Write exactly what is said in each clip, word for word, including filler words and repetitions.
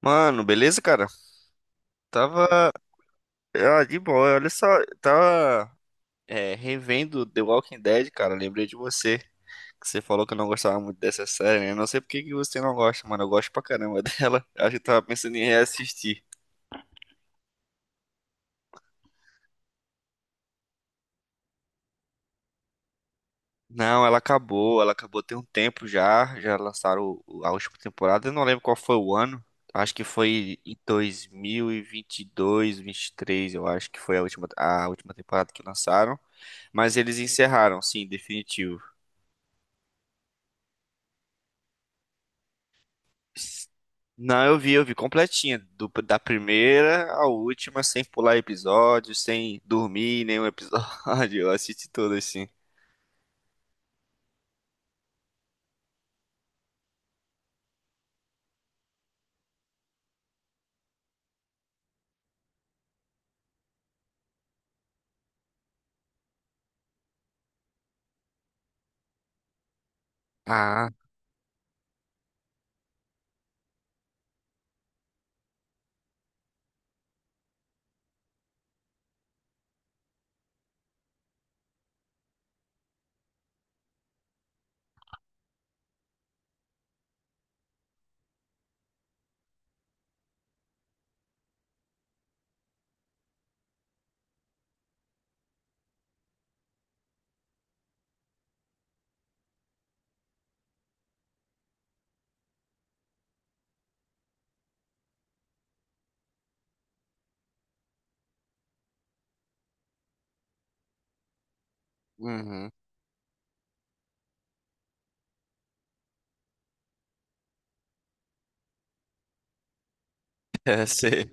Mano, beleza, cara? Tava. Ah, de boa, olha só. Tava é, revendo The Walking Dead, cara. Lembrei de você. Que você falou que eu não gostava muito dessa série, né? Eu não sei por que que você não gosta, mano. Eu gosto pra caramba dela. Acho que eu tava pensando em reassistir. Não, ela acabou. Ela acabou tem um tempo já. Já lançaram o- o- a última temporada. Eu não lembro qual foi o ano. Acho que foi em dois mil e vinte e dois, vinte e três, eu acho que foi a última, a última temporada que lançaram. Mas eles encerraram, sim, definitivo. Não, eu vi, eu vi completinha, do- da primeira à última, sem pular episódio, sem dormir nenhum episódio, eu assisti tudo assim. Ah, uhum. É, sei.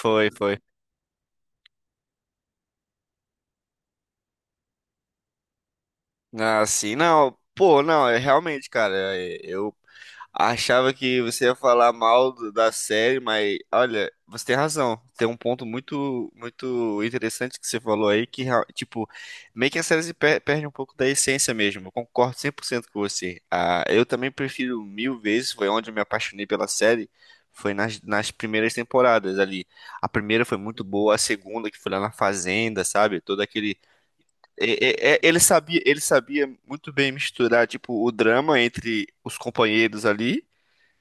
Foi, foi. Ah, sim, não. Pô, não, é realmente, cara, é- eu achava que você ia falar mal do- da série, mas olha, você tem razão. Tem um ponto muito muito interessante que você falou aí que real- tipo, meio que a série se per- perde um pouco da essência mesmo. Eu concordo cem por cento com você. Ah, eu também prefiro mil vezes, foi onde eu me apaixonei pela série. Foi nas, nas primeiras temporadas ali. A primeira foi muito boa, a segunda, que foi lá na Fazenda, sabe? Todo aquele é, é, é, ele sabia, ele sabia muito bem misturar, tipo, o drama entre os companheiros ali,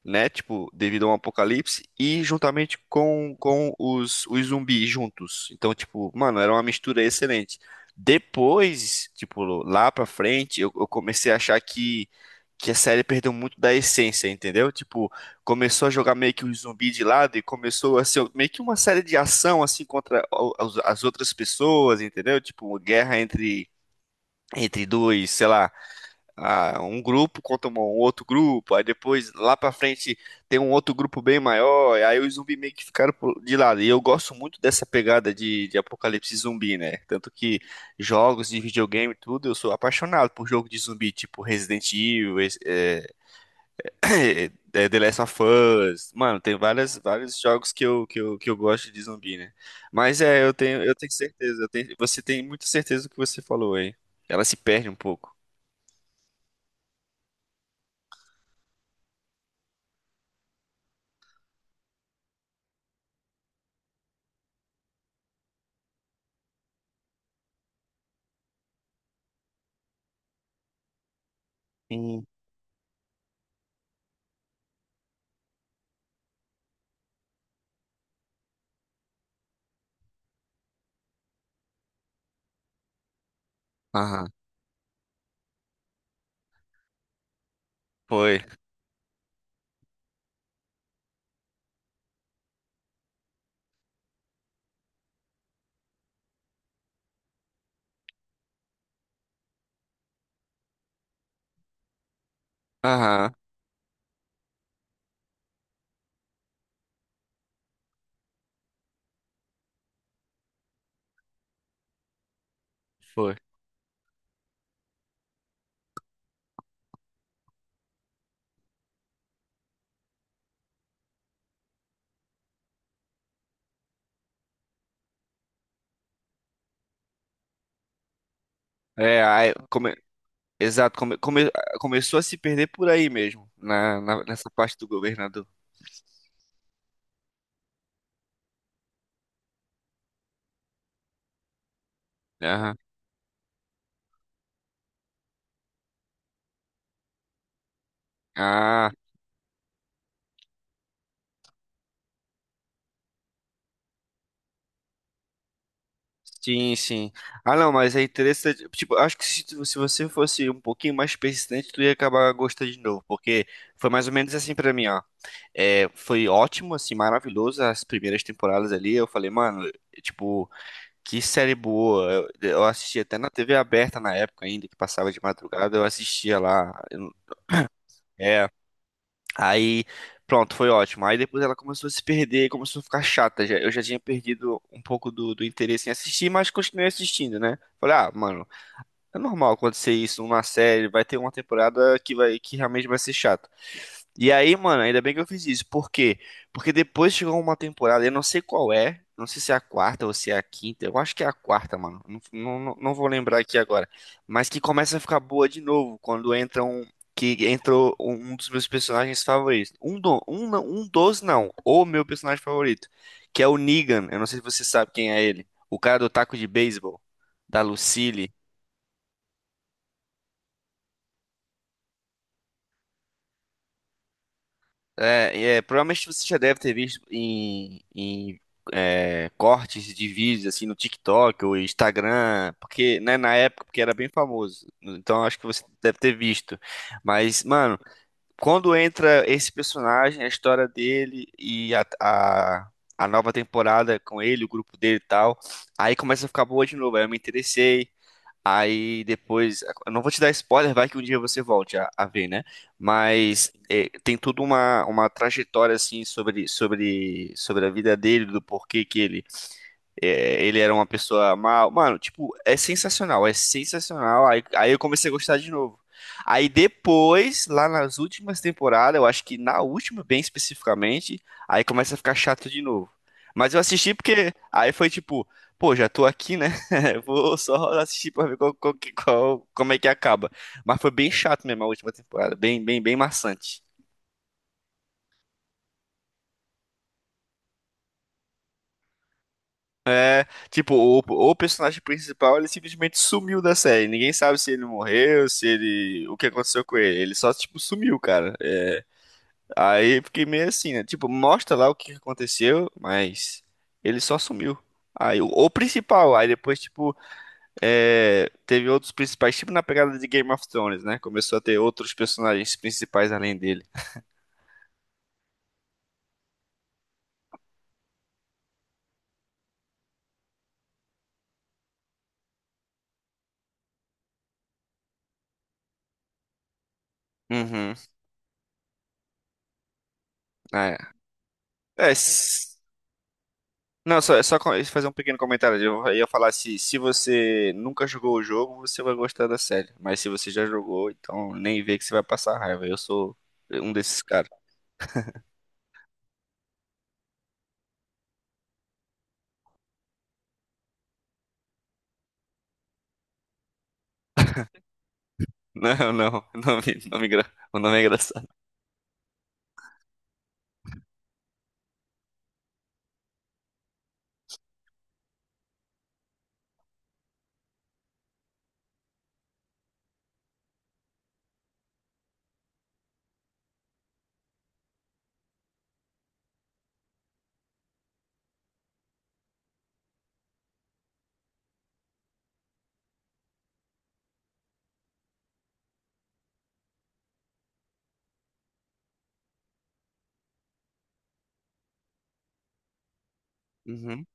né? Tipo, devido a um apocalipse, e juntamente com, com os, os zumbis juntos. Então, tipo, mano, era uma mistura excelente. Depois, tipo, lá pra frente, eu, eu comecei a achar que, que a série perdeu muito da essência, entendeu? Tipo, começou a jogar meio que os zumbis de lado e começou a ser meio que uma série de ação, assim, contra o- as as outras pessoas, entendeu? Tipo, uma guerra entre entre dois, sei lá, ah, um grupo contra um outro grupo, aí depois lá pra frente tem um outro grupo bem maior, e aí os zumbis meio que ficaram pro- de lado. E eu gosto muito dessa pegada de, de apocalipse zumbi, né? Tanto que jogos de videogame e tudo, eu sou apaixonado por jogo de zumbi, tipo Resident Evil, es- é, é, é, The Last of Us. Mano, tem várias, vários jogos que eu, que eu, que eu gosto de zumbi, né? Mas é, eu tenho, eu tenho certeza, eu tenho- você tem muita certeza do que você falou aí. Ela se perde um pouco. Sim. Aham, foi. Aham, foi. É, aí, come- exato, come- come- começou a se perder por aí mesmo, na, na- nessa parte do governador. Aham. Ah, sim, sim. Ah, não, mas é interessante. Tipo, acho que se, tu- se você fosse um pouquinho mais persistente, tu ia acabar gostando de novo, porque foi mais ou menos assim pra mim, ó. É, foi ótimo, assim, maravilhoso as primeiras temporadas ali. Eu falei, mano, tipo. Que série boa. Eu, eu assisti até na tê vê aberta na época ainda, que passava de madrugada, eu assistia lá. Eu- É. Aí, pronto, foi ótimo. Aí depois ela começou a se perder, começou a ficar chata. Já, eu já tinha perdido um pouco do, do interesse em assistir, mas continuei assistindo, né? Falei, ah, mano, é normal acontecer isso numa série, vai ter uma temporada que vai, que realmente vai ser chata. E aí, mano, ainda bem que eu fiz isso. Por quê? Porque depois chegou uma temporada, eu não sei qual é, não sei se é a quarta ou se é a quinta, eu acho que é a quarta, mano. Não, não, não não vou lembrar aqui agora. Mas que começa a ficar boa de novo quando entra um. Que entrou um um dos meus personagens favoritos. Um, do, um, não- um dos, não. O meu personagem favorito. Que é o Negan. Eu não sei se você sabe quem é ele. O cara do taco de beisebol. Da Lucille. É, é, provavelmente você já deve ter visto em, em, é, cortes de vídeos assim no TikTok ou Instagram, porque né, na época porque era bem famoso. Então acho que você deve ter visto. Mas, mano, quando entra esse personagem, a história dele e a, a, a nova temporada com ele, o grupo dele e tal, aí começa a ficar boa de novo. Aí eu me interessei. Aí depois, eu não vou te dar spoiler, vai que um dia você volte a, a ver, né? Mas é, tem toda uma, uma trajetória assim sobre, sobre, sobre a vida dele, do porquê que ele é, ele era uma pessoa mal. Mano, tipo, é sensacional, é sensacional. Aí, aí eu comecei a gostar de novo. Aí depois, lá nas últimas temporadas, eu acho que na última, bem especificamente, aí começa a ficar chato de novo. Mas eu assisti porque aí foi tipo, pô, já tô aqui, né? Vou só assistir pra ver qual, qual- qual- como é que acaba. Mas foi bem chato mesmo a última temporada, bem, bem, bem maçante. Tipo, o, o personagem principal, ele simplesmente sumiu da série. Ninguém sabe se ele morreu, se ele... O que aconteceu com ele. Ele só, tipo, sumiu, cara. É, aí eu fiquei meio assim, né? Tipo, mostra lá o que aconteceu, mas ele só sumiu. Aí, o, o principal, aí depois, tipo, é, teve outros principais, tipo na pegada de Game of Thrones, né? Começou a ter outros personagens principais além dele. Uhum. É. É, s- Não, só, só co- fazer um pequeno comentário. Eu ia falar se, se você nunca jogou o jogo, você vai gostar da série. Mas se você já jogou, então nem vê que você vai passar raiva. Eu sou um desses caras. Não, não, o nome, nome, engra- o nome é engraçado. Uhum.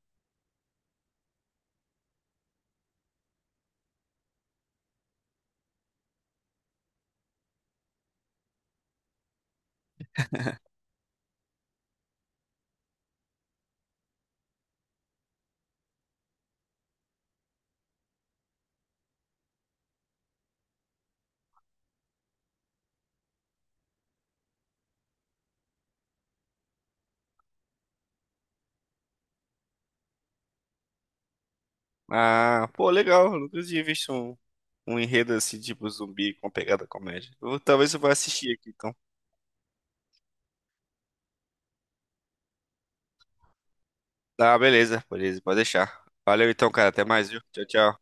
Ah, pô, legal. Eu nunca tinha visto um, um enredo assim, tipo zumbi com pegada comédia. Eu- talvez eu vá assistir aqui, então. Tá, beleza, beleza, pode deixar. Valeu então, cara. Até mais, viu? Tchau, tchau.